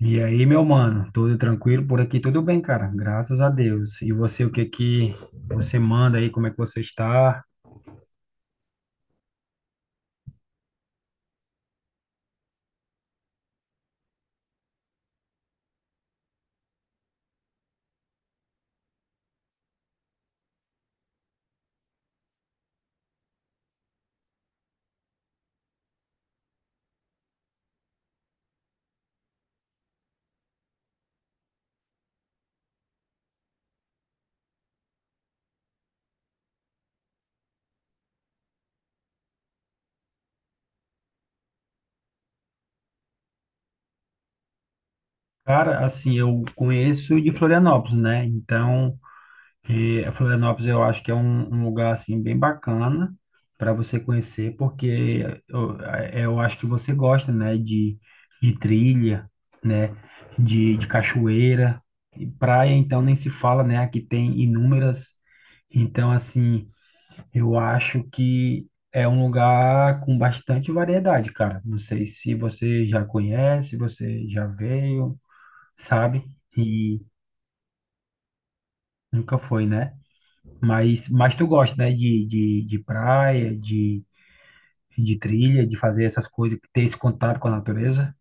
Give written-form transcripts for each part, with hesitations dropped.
E aí, meu mano, tudo tranquilo por aqui? Tudo bem, cara? Graças a Deus. E você, o que você manda aí? Como é que você está? Cara, assim, eu conheço de Florianópolis, né? Então, Florianópolis eu acho que é um lugar assim bem bacana para você conhecer, porque eu acho que você gosta, né? De trilha, né? De cachoeira. E praia, então, nem se fala, né? Aqui tem inúmeras. Então, assim. Eu acho que é um lugar com bastante variedade, cara. Não sei se você já conhece, você já veio, sabe? E nunca foi, né? Mas tu gosta, né? De praia, de trilha, de fazer essas coisas, ter esse contato com a natureza?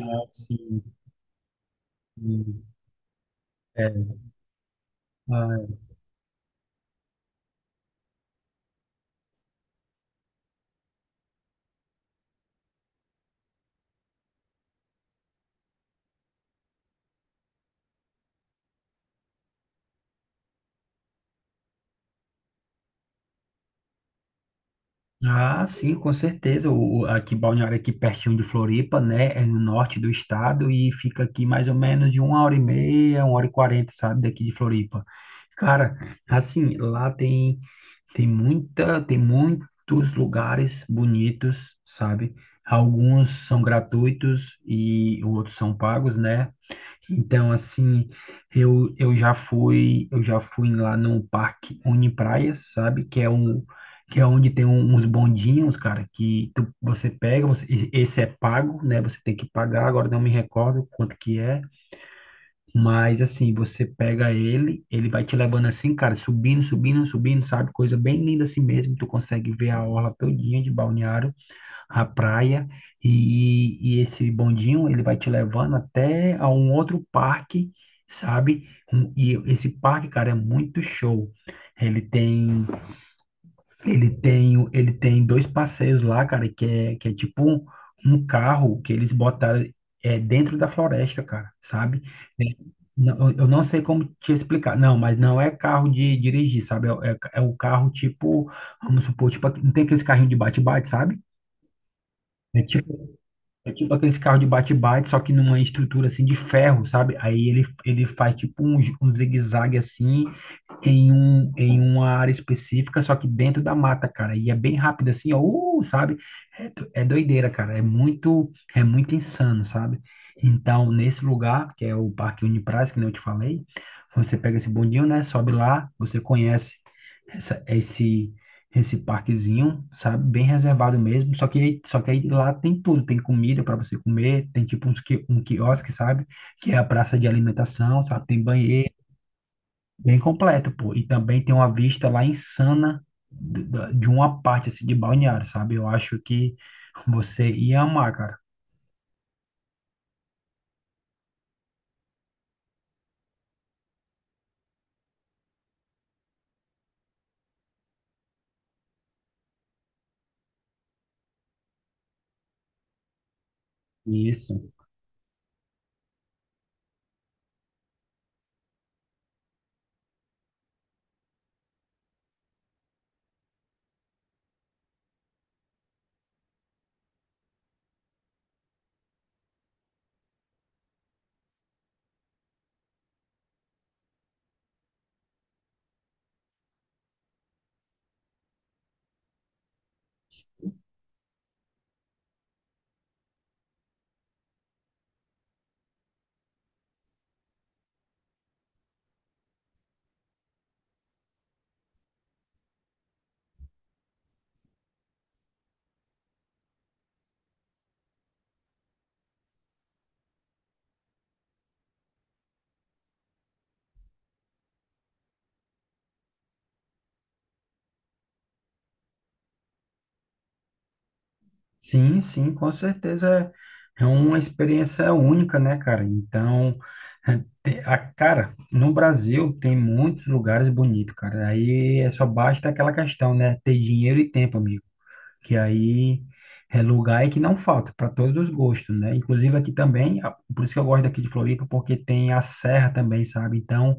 Ah, sim. Sim. É. Ah. Ah, sim, com certeza. Aqui, Balneário, aqui pertinho de Floripa, né? É no norte do estado e fica aqui mais ou menos de uma hora e meia, uma hora e quarenta, sabe? Daqui de Floripa. Cara, assim, tem tem muitos lugares bonitos, sabe? Alguns são gratuitos e outros são pagos, né? Então, assim, eu já fui lá no Parque Unipraias, sabe? Que é um que é onde tem uns bondinhos, cara, você pega, esse é pago, né? Você tem que pagar, agora não me recordo quanto que é, mas assim, você pega ele, ele vai te levando assim, cara, subindo, sabe? Coisa bem linda assim mesmo, tu consegue ver a orla todinha de Balneário, a praia, e esse bondinho, ele vai te levando até a um outro parque, sabe? E esse parque, cara, é muito show. Ele tem Ele tem, ele tem dois passeios lá, cara, que é tipo um carro que eles botaram dentro da floresta, cara, sabe? É, não- eu não sei como te explicar. Não, mas não é carro de dirigir, sabe? É o carro tipo, vamos supor, tipo, não tem aqueles carrinhos de bate-bate, sabe? É tipo é tipo aqueles carros de bate-bate, só que numa estrutura assim de ferro, sabe? Ele faz tipo gi- um zigue-zague assim, em uma área específica, só que dentro da mata, cara. E é bem rápido assim, ó, sabe? É, do- é doideira, cara. É muito insano, sabe? Então, nesse lugar, que é o Parque Unipraça, que nem eu te falei, você pega esse bondinho, né? Sobe lá, você conhece esse parquezinho, sabe? Bem reservado mesmo. Só que aí lá tem tudo. Tem comida para você comer, tem tipo um quiosque, sabe? Que é a praça de alimentação, sabe? Tem banheiro, bem completo, pô. E também tem uma vista lá insana de uma parte, assim, de balneário, sabe? Eu acho que você ia amar, cara. Isso. Sim, sim, com certeza é uma experiência única, né, cara? Então, cara, no Brasil tem muitos lugares bonitos, cara. Aí é só basta aquela questão, né? Ter dinheiro e tempo, amigo. Que aí é lugar é que não falta, para todos os gostos, né? Inclusive aqui também, a- por isso que eu gosto daqui de Floripa, porque tem a serra também, sabe? Então,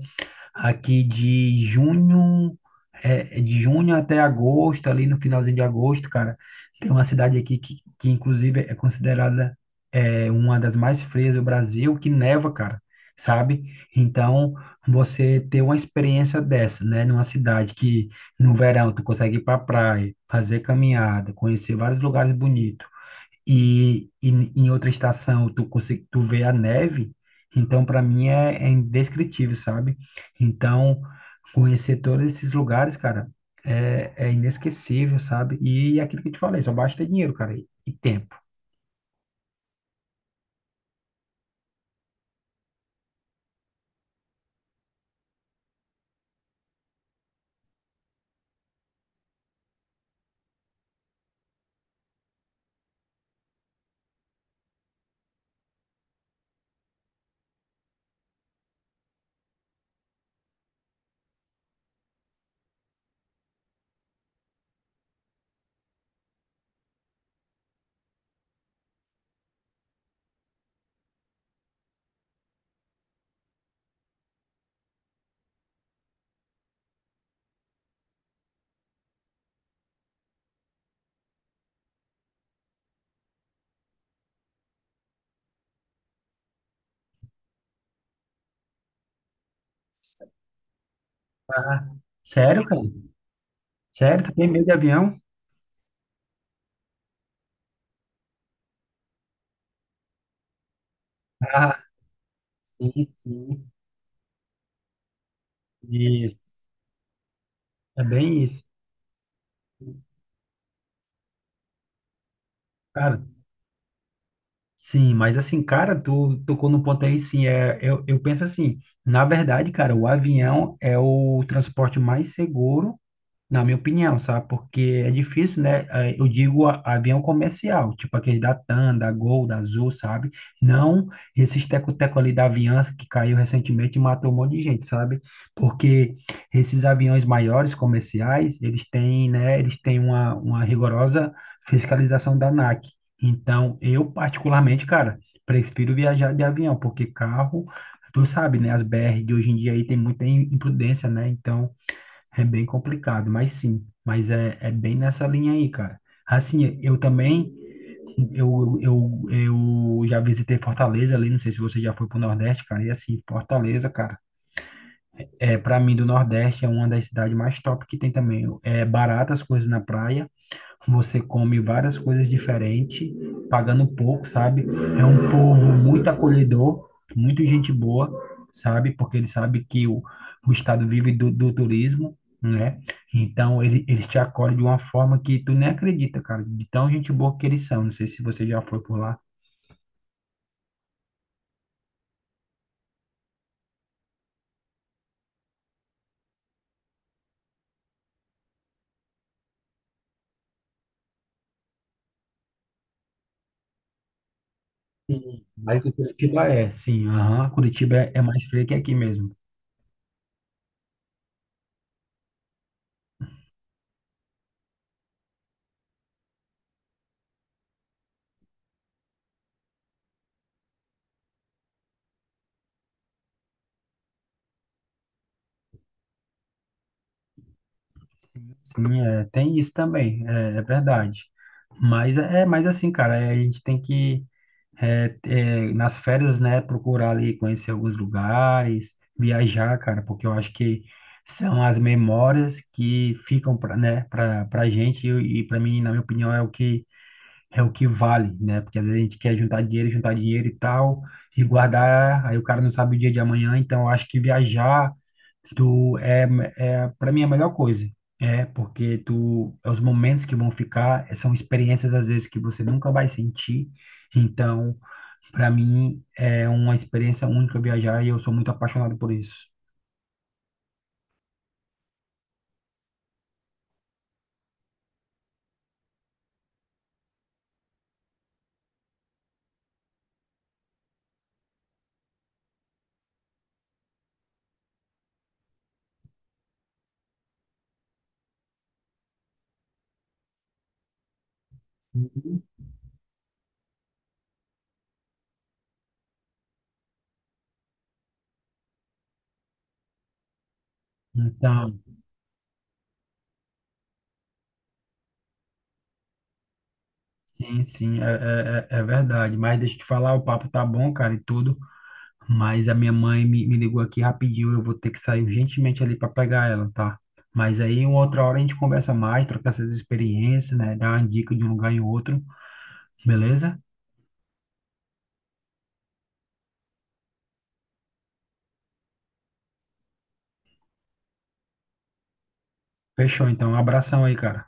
Aqui de junho, é, é de junho até agosto, ali no finalzinho de agosto, cara, tem uma cidade aqui que inclusive é considerada uma das mais frias do Brasil, que neva, cara, sabe? Então, você ter uma experiência dessa, né, numa cidade que no verão tu consegue ir pra praia, fazer caminhada, conhecer vários lugares bonitos, e em outra estação tu consegue tu vê a neve, então para mim é, é indescritível, sabe? Então conhecer todos esses lugares, cara, é, é inesquecível, sabe? E aquilo que eu te falei, só basta dinheiro, cara, e tempo. Ah, sério, cara? Sério, tu tem medo de avião? Ah, sim, sim. Isso. É bem isso. Cara, Sim, mas assim, cara, tu tocou no ponto aí, sim, é, eu penso assim, na verdade, cara, o avião é o transporte mais seguro na minha opinião, sabe? Porque é difícil, né? Eu digo a- avião comercial, tipo aquele da TAM, da Gol, da Azul, sabe? Não esses teco-teco ali da Avianca que caiu recentemente e matou um monte de gente, sabe? Porque esses aviões maiores comerciais, eles têm, né? Eles têm uma rigorosa fiscalização da ANAC. Então, eu particularmente, cara, prefiro viajar de avião, porque carro, tu sabe, né? As BR de hoje em dia aí tem muita im- imprudência, né? Então, é bem complicado, mas sim, mas é, é bem nessa linha aí, cara. Assim, eu também, eu já visitei Fortaleza ali, não sei se você já foi pro Nordeste, cara, e assim, Fortaleza, cara, é, para mim do Nordeste é uma das cidades mais top que tem também. É baratas as coisas na praia, você come várias coisas diferentes, pagando pouco, sabe? É um povo muito acolhedor, muito gente boa, sabe? Porque ele sabe que o estado vive do turismo, né? Então, eles te acolhem de uma forma que tu nem acredita, cara, de tão gente boa que eles são. Não sei se você já foi por lá. Sim, mas o Curitiba é, sim, aham, Curitiba é, é mais frio que aqui mesmo. Sim, sim, é, tem isso também, é, é verdade. Mas é, é mais assim, cara, é, a gente tem que é, é, nas férias, né, procurar ali conhecer alguns lugares, viajar, cara, porque eu acho que são as memórias que ficam, pra, né, para gente e para mim, na minha opinião, é o que vale, né? Porque às vezes a gente quer juntar dinheiro e tal, e guardar, aí o cara não sabe o dia de amanhã, então eu acho que viajar tu é, é para mim é a melhor coisa. É, porque tu é os momentos que vão ficar, é, são experiências às vezes que você nunca vai sentir. Então, para mim é uma experiência única viajar e eu sou muito apaixonado por isso. Uhum. Então, sim, sim, é, é, é é verdade. Mas deixa eu te falar, o papo tá bom, cara, e tudo. Mas a minha mãe me ligou aqui rapidinho, eu vou ter que sair urgentemente ali para pegar ela, tá? Mas aí, uma outra hora a gente conversa mais, troca essas experiências, né? Dá uma dica de um lugar em outro, beleza? Fechou, então. Um abração aí, cara.